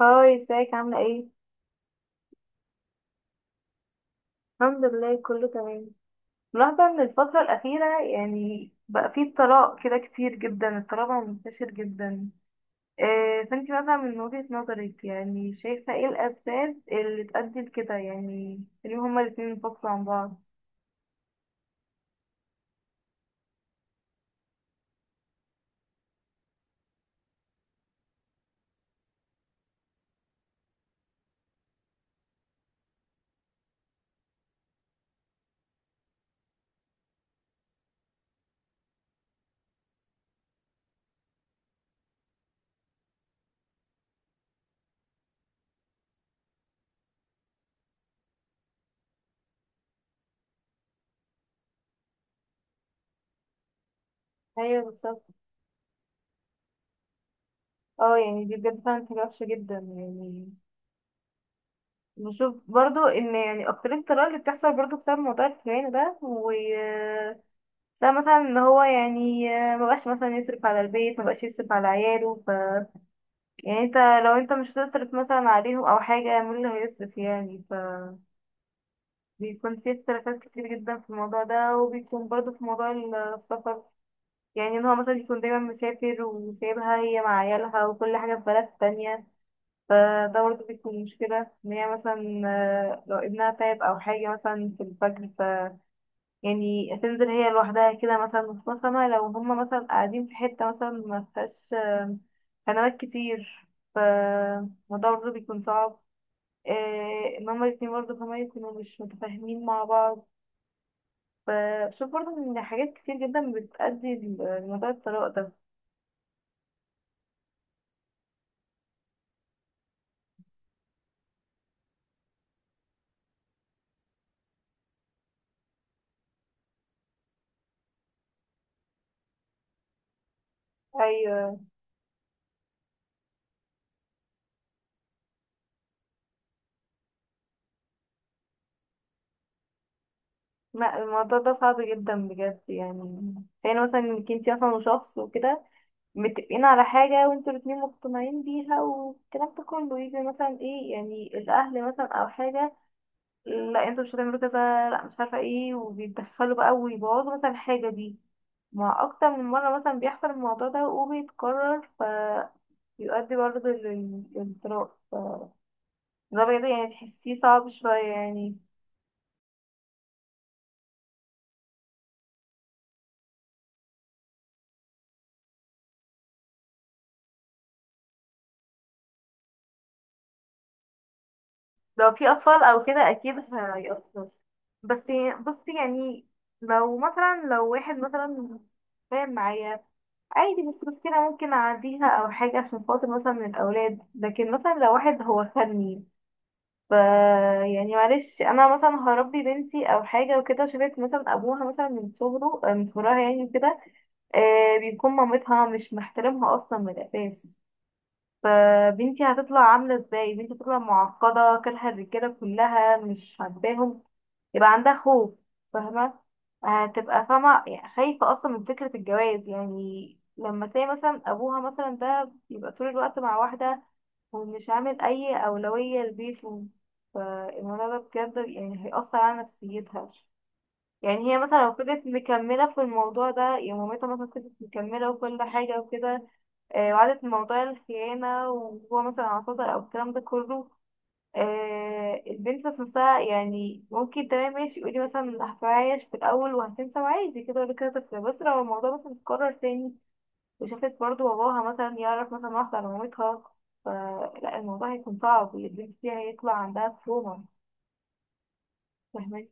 هاي، ازيك؟ عاملة ايه؟ الحمد لله، كله تمام. ملاحظة ان الفترة الأخيرة يعني بقى فيه طلاق كده كتير جدا، الطلاق بقى منتشر جدا. إيه، فانتي مثلا من وجهة نظرك يعني شايفة ايه الأسباب اللي تؤدي لكده؟ يعني ان هما الاتنين ينفصلوا عن بعض. ايوه، بالظبط. اه، يعني دي بجد فعلا حاجة وحشة جدا يعني. بشوف برضو ان يعني اكتر الطلاق اللي بتحصل برضو بسبب موضوع الخيانة ده. بس أنا مثلا ان هو يعني مبقاش مثلا يصرف على البيت، مبقاش يصرف على عياله. يعني انت، لو انت مش هتصرف مثلا عليهم او حاجة، مين اللي هيصرف يعني؟ فبيكون في اختلافات كتير جدا في الموضوع ده، وبيكون برضه في موضوع السفر. يعني ان هو مثلا بيكون دايما مسافر وسايبها هي مع عيالها وكل حاجة في بلد تانية، فده برضه بيكون مشكلة. ان هي مثلا لو ابنها تعب او حاجة مثلا في الفجر، يعني تنزل هي لوحدها كده مثلا مختصمة، لو هما مثلا قاعدين في حتة مثلا ما فيهاش قنوات كتير، فالموضوع برضه بيكون صعب. ان هما الاتنين برضه كمان يكونوا مش متفاهمين مع بعض. فشوف برضه ان حاجات كتير جدا بتأدي لموضوع الطلاق ده. ايوه. ما الموضوع ده صعب جدا بجد يعني. يعني مثلا انك انتي اصلا شخص وكده متفقين على حاجة، وانتوا الاتنين مقتنعين بيها، والكلام ده كله يجي مثلا ايه؟ يعني الأهل مثلا أو حاجة، لا انتوا مش هتعملوا كذا، لا مش عارفة ايه، وبيتدخلوا بقى ويبوظوا مثلا الحاجة دي، مع أكتر من مرة مثلا بيحصل الموضوع ده وبيتكرر، فيؤدي برضه للانطلاق. فده بجد يعني تحسيه صعب شوية يعني. لو في أطفال أو كده أكيد هيأثر، بس بصي يعني، لو مثلا لو واحد مثلا فاهم معايا، عادي مش مشكلة، ممكن أعديها أو حاجة عشان خاطر مثلا من الأولاد. لكن مثلا لو واحد هو خدني، ف يعني معلش أنا مثلا هربي بنتي أو حاجة وكده، شافت مثلا أبوها مثلا من صغرها يعني كده بيكون مامتها مش محترمها أصلا من الأساس، فبنتي هتطلع عاملة ازاي؟ بنتي تطلع معقدة، كارهة الرجالة كلها، مش حباهم، يبقى عندها خوف. فاهمة؟ هتبقى فاهمة يعني خايفة أصلا من فكرة الجواز، يعني لما تلاقي مثلا أبوها مثلا ده يبقى طول الوقت مع واحدة ومش عامل أي أولوية لبيته، فالموضوع ده بجد يعني هيأثر على نفسيتها. يعني هي مثلا لو فضلت مكملة في الموضوع ده، يعني مامتها مثلا فضلت مكملة وكل حاجة وكده، وقعدت من موضوع الخيانة وهو مثلا اعتذر أو الكلام ده كله، البنت ذات نفسها يعني ممكن تمام ماشي يقولي مثلا هتعايش في الأول وهتنسى وعادي كده ولا كده، طفلة. بس لو الموضوع مثلا اتكرر تاني وشافت برضه باباها مثلا يعرف مثلا واحدة على مامتها، فلا، الموضوع هيكون صعب، البنت دي هيطلع عندها تروما. فاهماني؟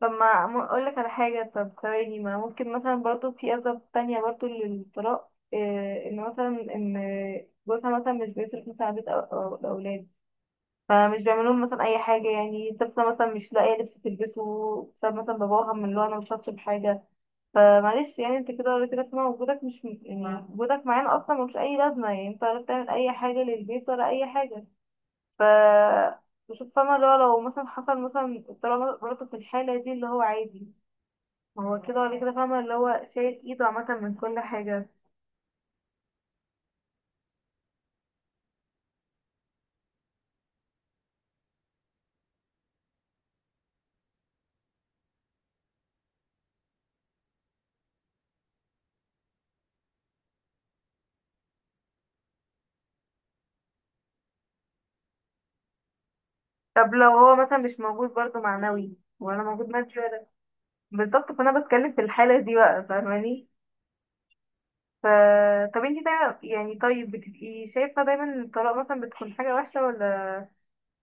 طب ما اقول لك على حاجه، طب ثواني، ما ممكن مثلا برضو في اسباب تانية برضو للطلاق، إيه، ان مثلا ان جوزها مثلا مش بيصرف مثلا على بيت الاولاد، فمش بيعمل لهم مثلا اي حاجه، يعني طفله مثلا مش لاقيه لبس تلبسه بسبب مثلا باباها، من اللي هو انا مش هصرف حاجه، فمعلش يعني انت كده قلت لك وجودك مش يعني وجودك معانا اصلا ملوش اي لازمه، يعني انت ولا بتعمل اي حاجه للبيت ولا اي حاجه. ف بشوف فاهمة اللي هو لو مثلا حصل مثلا الطلاق برضه في الحالة دي اللي هو عادي، ما هو كده ولا كده، فاهمة اللي هو شايل ايده عامة من كل حاجة. طب لو هو مثلا مش موجود برضه معنوي ولا موجود مادي ولا، بالظبط، فانا بتكلم في الحالة دي بقى. فاهماني؟ ف طب انتي دايما يعني طيب بتبقي شايفة دايما ان الطلاق مثلا بتكون حاجة وحشة، ولا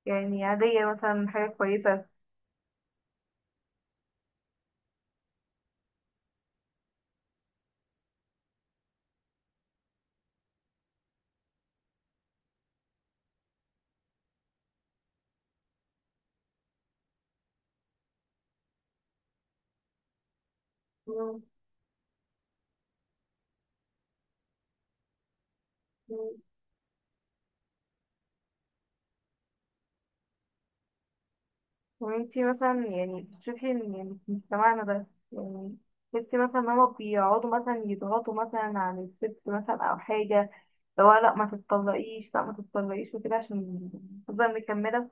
يعني عادية مثلا حاجة كويسة؟ مم. وانتي مثلا يعني بتشوفي ان يعني في مجتمعنا ده، يعني تحسي مثلا ان هما بيقعدوا مثلا يضغطوا مثلا على الست مثلا او حاجة، لو لا ما تتطلقيش، لا ما تتطلقيش وكده، عشان تفضل مكملة؟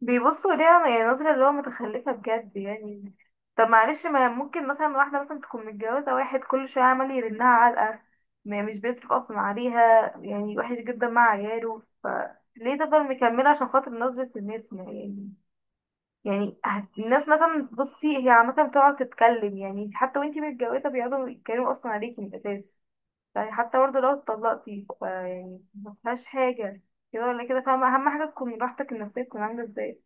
بيبصوا ليها يعني نظرة اللي هو متخلفة بجد يعني. طب معلش، ما ممكن مثلا واحدة مثلا تكون متجوزة واحد كل شوية عمال يرنها علقة، مش بيصرف أصلا عليها، يعني وحش جدا مع عياله، فليه تفضل مكملة عشان خاطر نظرة الناس؟ ما يعني، يعني الناس مثلا، بصي هي عامة بتقعد تتكلم، يعني حتى وانتي متجوزة بيقعدوا يتكلموا أصلا عليكي من الأساس، يعني حتى برضه لو اتطلقتي يعني مفيهاش حاجة. كده ولا كده، فاهمة أهم حاجة تكون راحتك النفسية تكون عاملة ازاي.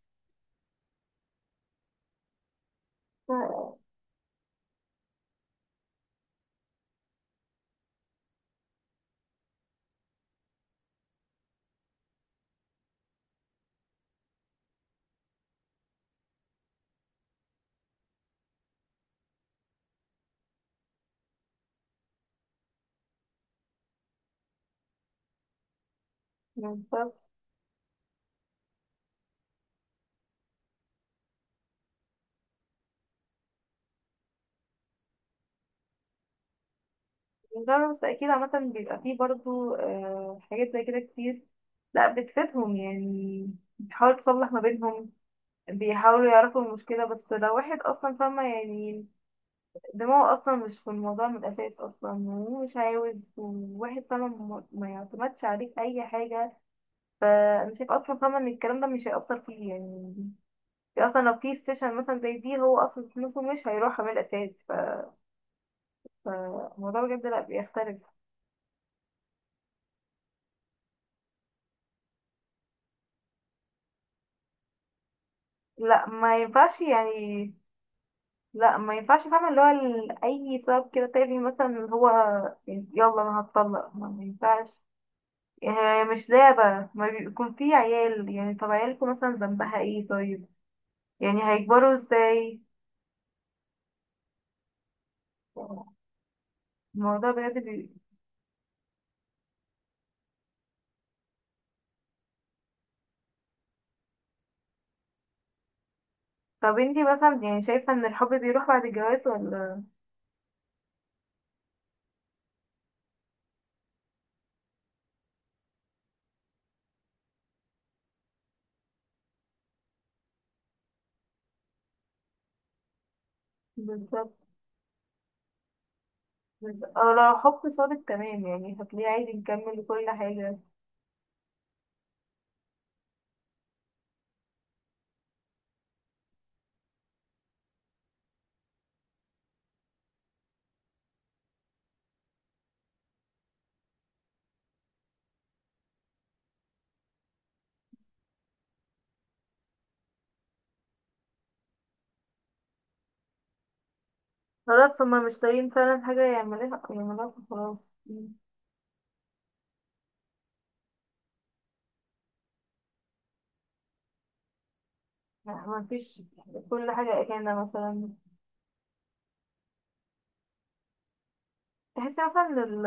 بالظبط. بالظبط، بس أكيد عامة بيبقى فيه برضه حاجات زي كده كتير، لأ بتفيدهم يعني، بتحاول تصلح ما بينهم، بيحاولوا يعرفوا المشكلة. بس لو واحد أصلا فاهمة يعني دماغه أصلا مش في الموضوع من الأساس أصلا ومش عاوز، وواحد فاهمة ما يعتمدش عليك أي حاجة، فأنا شايفة أصلا فاهمة إن الكلام ده مش هيأثر فيه يعني، في اصلا لو في سيشن مثلا زي دي هو اصلا فلوسه مش هيروح عمل اساسي فالموضوع بجد لا، بيختلف. لا ما ينفعش يعني. لا ما ينفعش، فاهمة اللي هو اي سبب كده تافه مثلا، اللي هو يلا انا هتطلق، ما ينفعش. يعني هي مش لعبة، ما بيكون في عيال يعني، طب عيالكم مثلا ذنبها ايه طيب؟ يعني هيكبروا ازاي؟ الموضوع بجد طب انتي مثلا يعني شايفة ان الحب بيروح بعد الجواز ولا؟ بالظبط، بس لو حب صادق تمام يعني هتلاقيه عادي، نكمل كل حاجة. خلاص هما مش طايقين فعلا، حاجة يعملوها يعملوها، خلاص ما فيش، كل حاجة أكيدة مثلا. تحسي مثلا إن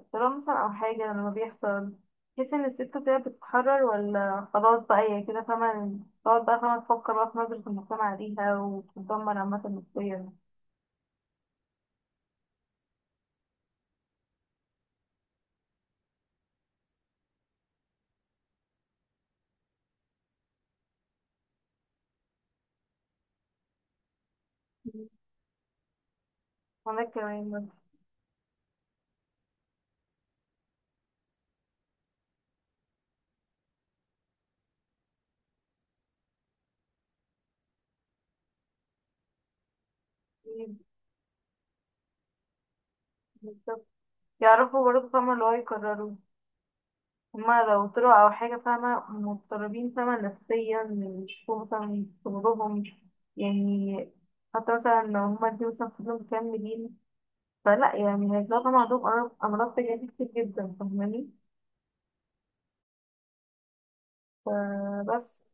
الطلاق مثلا أو حاجة لما بيحصل، تحسي إن الست كده بتتحرر، ولا خلاص بقى هي كده فاهمة تقعد بقى فاهمة تفكر بقى في نظرة المجتمع ليها وتتدمر عامة نفسيا؟ وأنا كمان برضه. بالظبط. يعرفوا برضه فاهمة اللي هو يكرروا، هما لو طلعوا أو حاجة فاهمة مضطربين فاهمة نفسيا، يشوفوا مثلا شغلهم يعني. حتى مثلا لو هما الاتنين مثلا فضلوا مكملين، فلا يعني هيطلعوا طبعا عندهم أمراض، أمراض تجارية كتير جدا. فاهماني؟ فبس.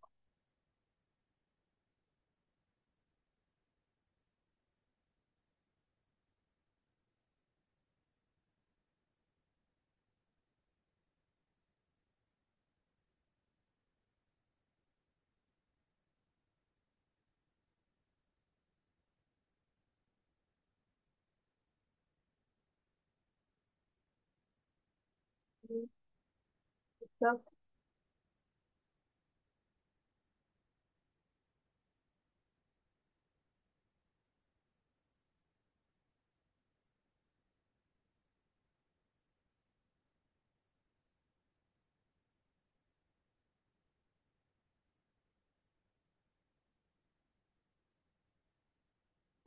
ده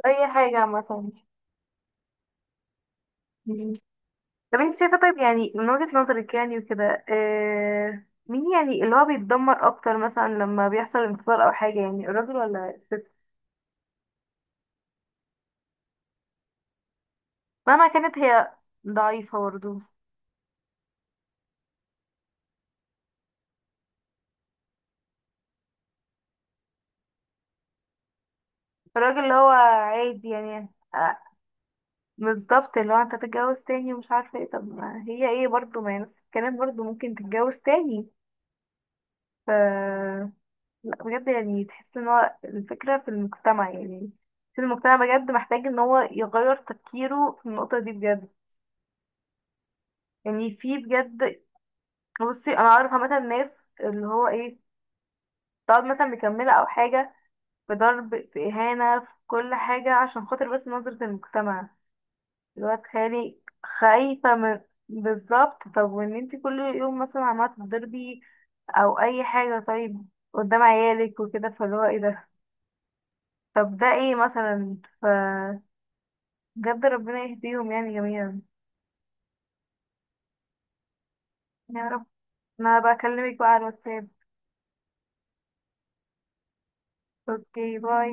أي حاجة عامة. مم. طب انت شايفة طيب يعني من وجهة نظرك يعني وكده، مين يعني اللي هو بيتدمر أكتر مثلا لما بيحصل انفصال أو حاجة، يعني الراجل ولا الست؟ مهما كانت هي ضعيفة برضه، الراجل اللي هو عادي يعني. آه، بالظبط، اللي هو انت تتجوز تاني ومش عارفه ايه، طب ما هي ايه برضو؟ ما هي نفس الكلام، برضو ممكن تتجوز تاني. ف لا بجد يعني تحس ان هو الفكره في المجتمع يعني، في المجتمع بجد محتاج ان هو يغير تفكيره في النقطه دي بجد. يعني في بجد. بصي انا عارفه مثلا ناس اللي هو ايه، تقعد مثلا مكمله او حاجه، في ضرب، في اهانه، في كل حاجه عشان خاطر بس نظره المجتمع، الواد خالي، خايفة من، بالظبط. طب وان انت كل يوم مثلا عمالة تضربي او اي حاجة طيب قدام عيالك وكده، فاللي هو ايه ده؟ طب ده ايه مثلا؟ ف بجد ربنا يهديهم يعني جميعا. يا رب. انا بكلمك بقى على الواتساب. اوكي، باي.